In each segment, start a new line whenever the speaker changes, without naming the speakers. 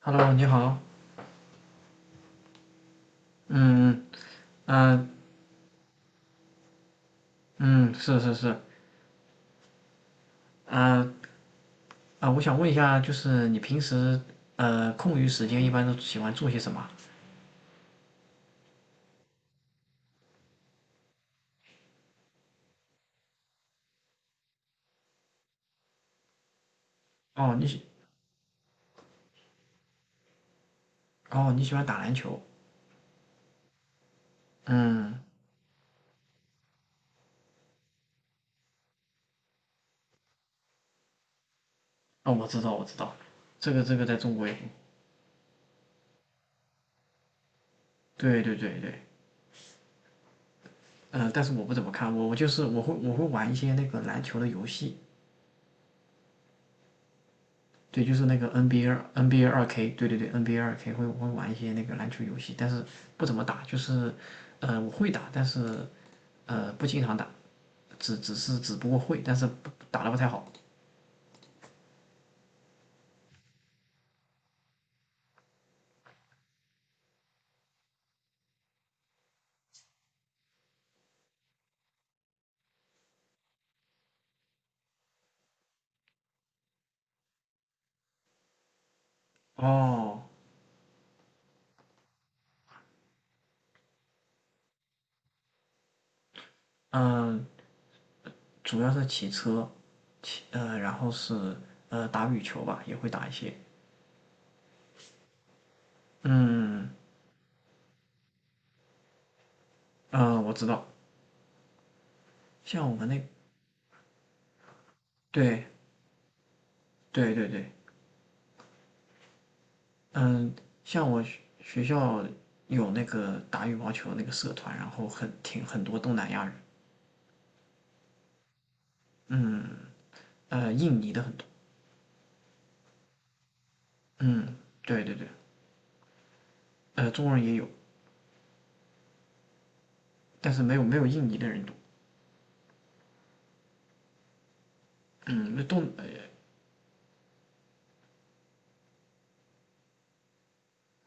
Hello，你好。嗯嗯嗯，是是是。啊啊，我想问一下，就是你平时空余时间一般都喜欢做些什么？哦，你喜欢打篮球。嗯，哦，我知道我知道，这个在中国也很。对对对对。嗯、但是我不怎么看，我就是我会玩一些那个篮球的游戏。对，就是那个 NBA NBA 二 K，对对对，NBA 二 K 会玩一些那个篮球游戏，但是不怎么打，就是我会打，但是不经常打，只不过会，但是打的不太好。哦。嗯，主要是骑车，然后是打羽球吧，也会打一些。嗯嗯，我知道，像我们那。对对对对。嗯，像我学校有那个打羽毛球那个社团，然后挺很多东南亚人，嗯，印尼的很多，嗯，对对对，中国人也有，但是没有印尼的人多，嗯，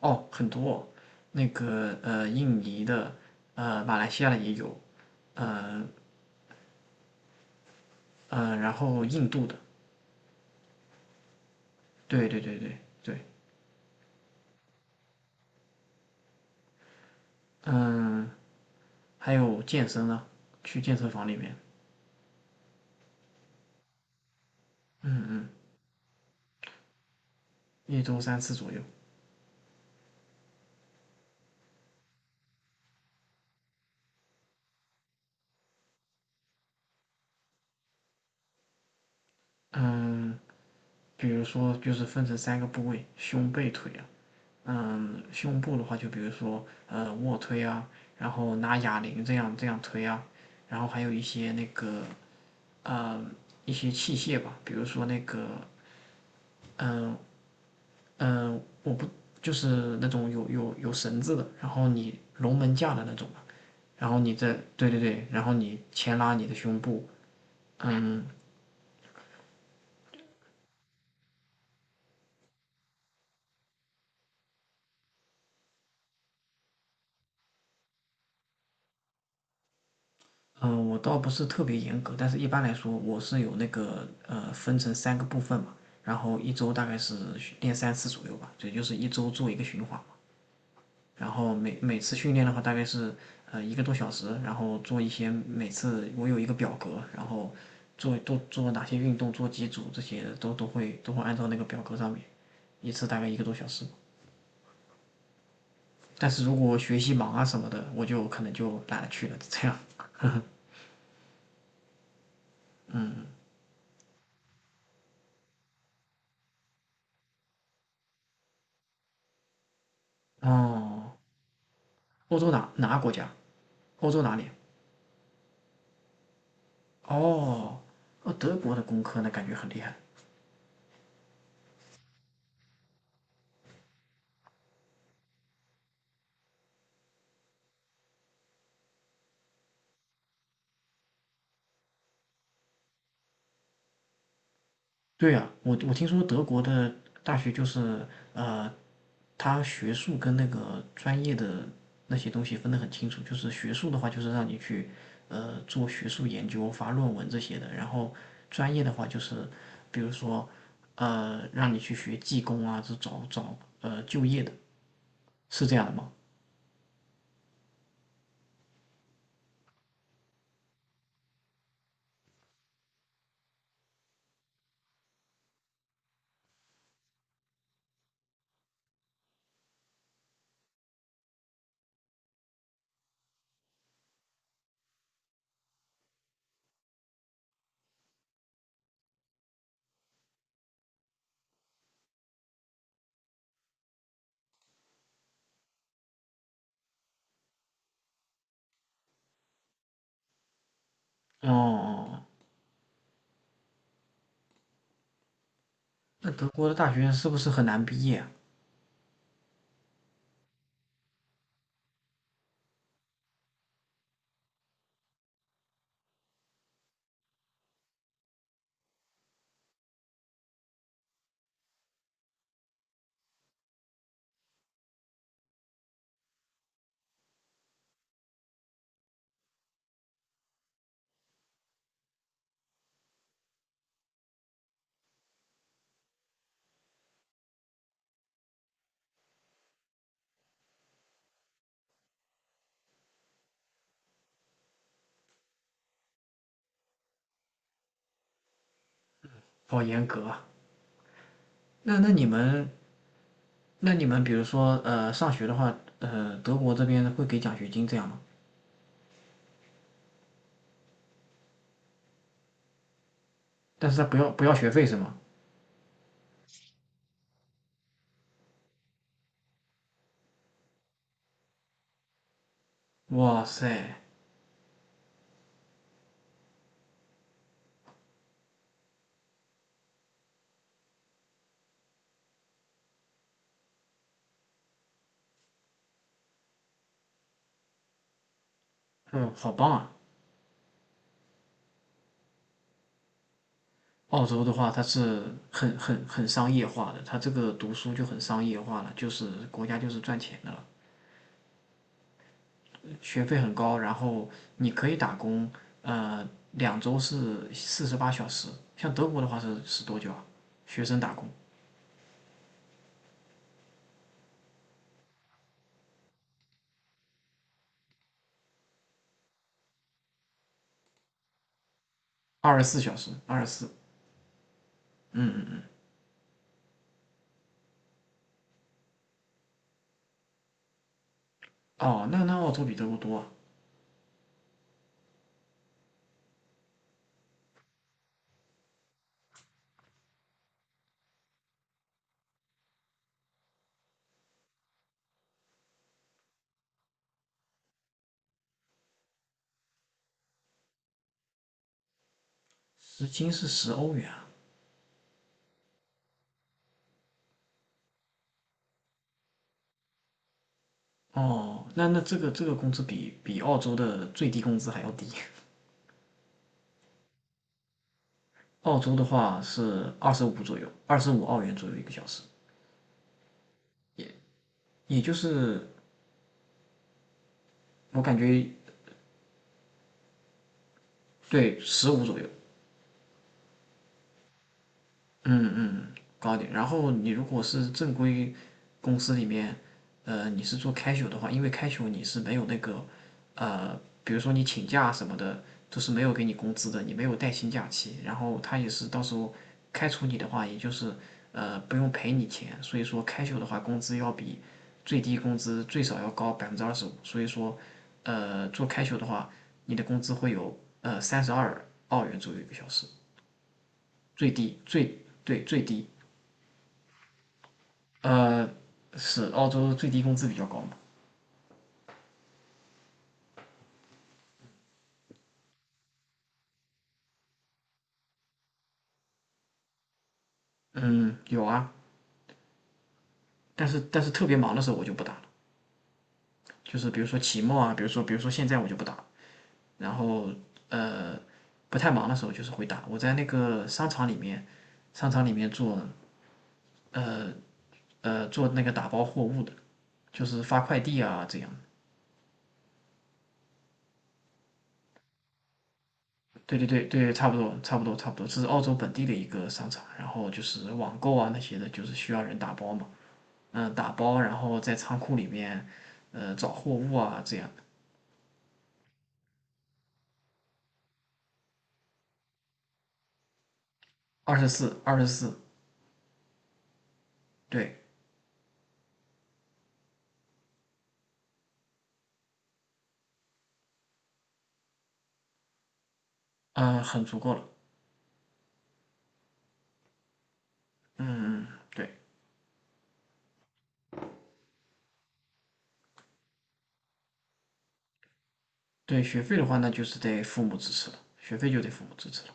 哦很多，那个印尼的，马来西亚的也有，呃然后印度的，对对对对对，嗯，还有健身呢，去健身房里面，嗯嗯，一周三次左右。嗯，比如说就是分成三个部位，胸、背、腿啊。嗯，胸部的话，就比如说卧推啊，然后拿哑铃这样这样推啊，然后还有呃一些器械吧，比如说那个嗯嗯、我不就是那种有绳子的，然后你龙门架的那种嘛，然后你再。对对对。然后你牵拉你的胸部。嗯，我倒不是特别严格，但是一般来说，我是有分成三个部分嘛，然后一周大概是训练三次左右吧，也就是一周做一个循环，然后每次训练的话大概是一个多小时，然后做一些每次我有一个表格，然后做都做哪些运动，做几组，这些都会按照那个表格上面，一次大概一个多小时。但是如果我学习忙啊什么的，我就可能就懒得去了，这样。哦，欧洲哪个国家？欧洲哪里？哦，德国的工科呢，感觉很厉害。对呀，我听说德国的大学就是呃，它学术跟那个专业的那些东西分得很清楚，就是学术的话就是让你去做学术研究、发论文这些的，然后专业的话就是比如说让你去学技工啊，这找就业的，是这样的吗？哦，哦哦。那德国的大学是不是很难毕业啊？好严格啊！那那你们那你们比如说上学的话，德国这边会给奖学金这样吗？但是他不要学费是吗？哇塞，嗯，好棒啊！澳洲的话，它是很商业化的，它这个读书就很商业化了，就是国家就是赚钱的了，学费很高，然后你可以打工，两周是48小时，像德国的话是多久啊？学生打工二十四小时，二十四，嗯嗯嗯，哦，那澳洲比德国多啊，时薪是十欧元啊，哦，那这个工资比澳洲的最低工资还要低。澳洲的话是25左右，二十五澳元左右一个小时，也就是我感觉，对，十五左右，嗯嗯，高点。然后你如果是正规公司里面，你是做开 a 的话，因为开 a 你是没有那个，呃，比如说你请假什么的，都是没有给你工资的，你没有带薪假期。然后他也是到时候开除你的话，也就是不用赔你钱。所以说开 a 的话，工资要比最低工资最少要高25%。所以说，做开 a 的话，你的工资会有32澳元左右一个小时，最低最对，最低。呃，是澳洲最低工资比较高嘛？嗯，有啊，但是特别忙的时候我就不打了，就是比如说期末啊，比如说现在我就不打，然后呃，不太忙的时候就是会打。我在那个商场里面，商场里面呃做那个打包货物的，就是发快递啊这样。对对对对，差不多差不多差不多，这是澳洲本地的一个商场，然后就是网购啊那些的，就是需要人打包嘛，嗯，打包然后在仓库里面，找货物啊这样，二十四二十四，对，嗯，很足够了，嗯嗯，对对，学费的话那就是得父母支持了，学费就得父母支持了。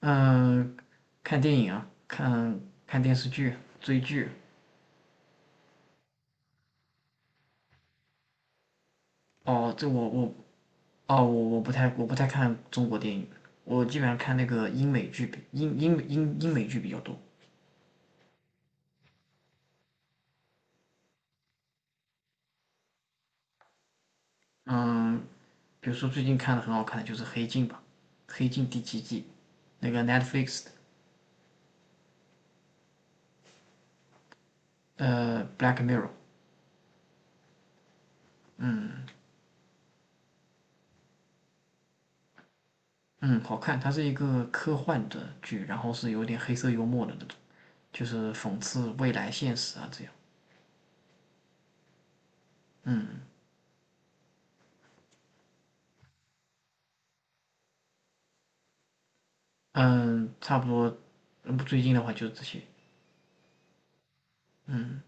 嗯，看电影啊，看电视剧，追剧，哦，这我，哦，我不太看中国电影，我基本上看那个英美剧比英英英英美剧比较多。嗯，比如说最近看的很好看的就是《黑镜》吧，《黑镜》第7季，那个 Netflix 的《Black Mirror》。嗯嗯，好看，它是一个科幻的剧，然后是有点黑色幽默的那种，就是讽刺未来现实啊这样。嗯嗯，差不多，嗯最近的话就是这些。嗯。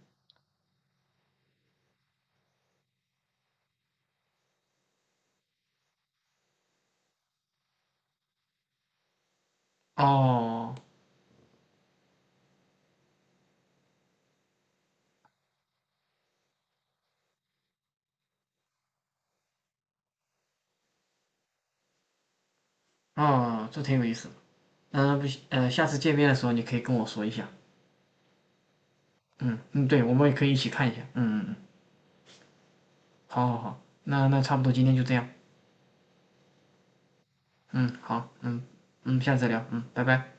哦。哦，这挺有意思的。不行，下次见面的时候你可以跟我说一下。嗯嗯，对，我们也可以一起看一下。嗯嗯嗯，好好好，那那差不多今天就这样。嗯，好，嗯嗯，下次再聊。嗯，拜拜。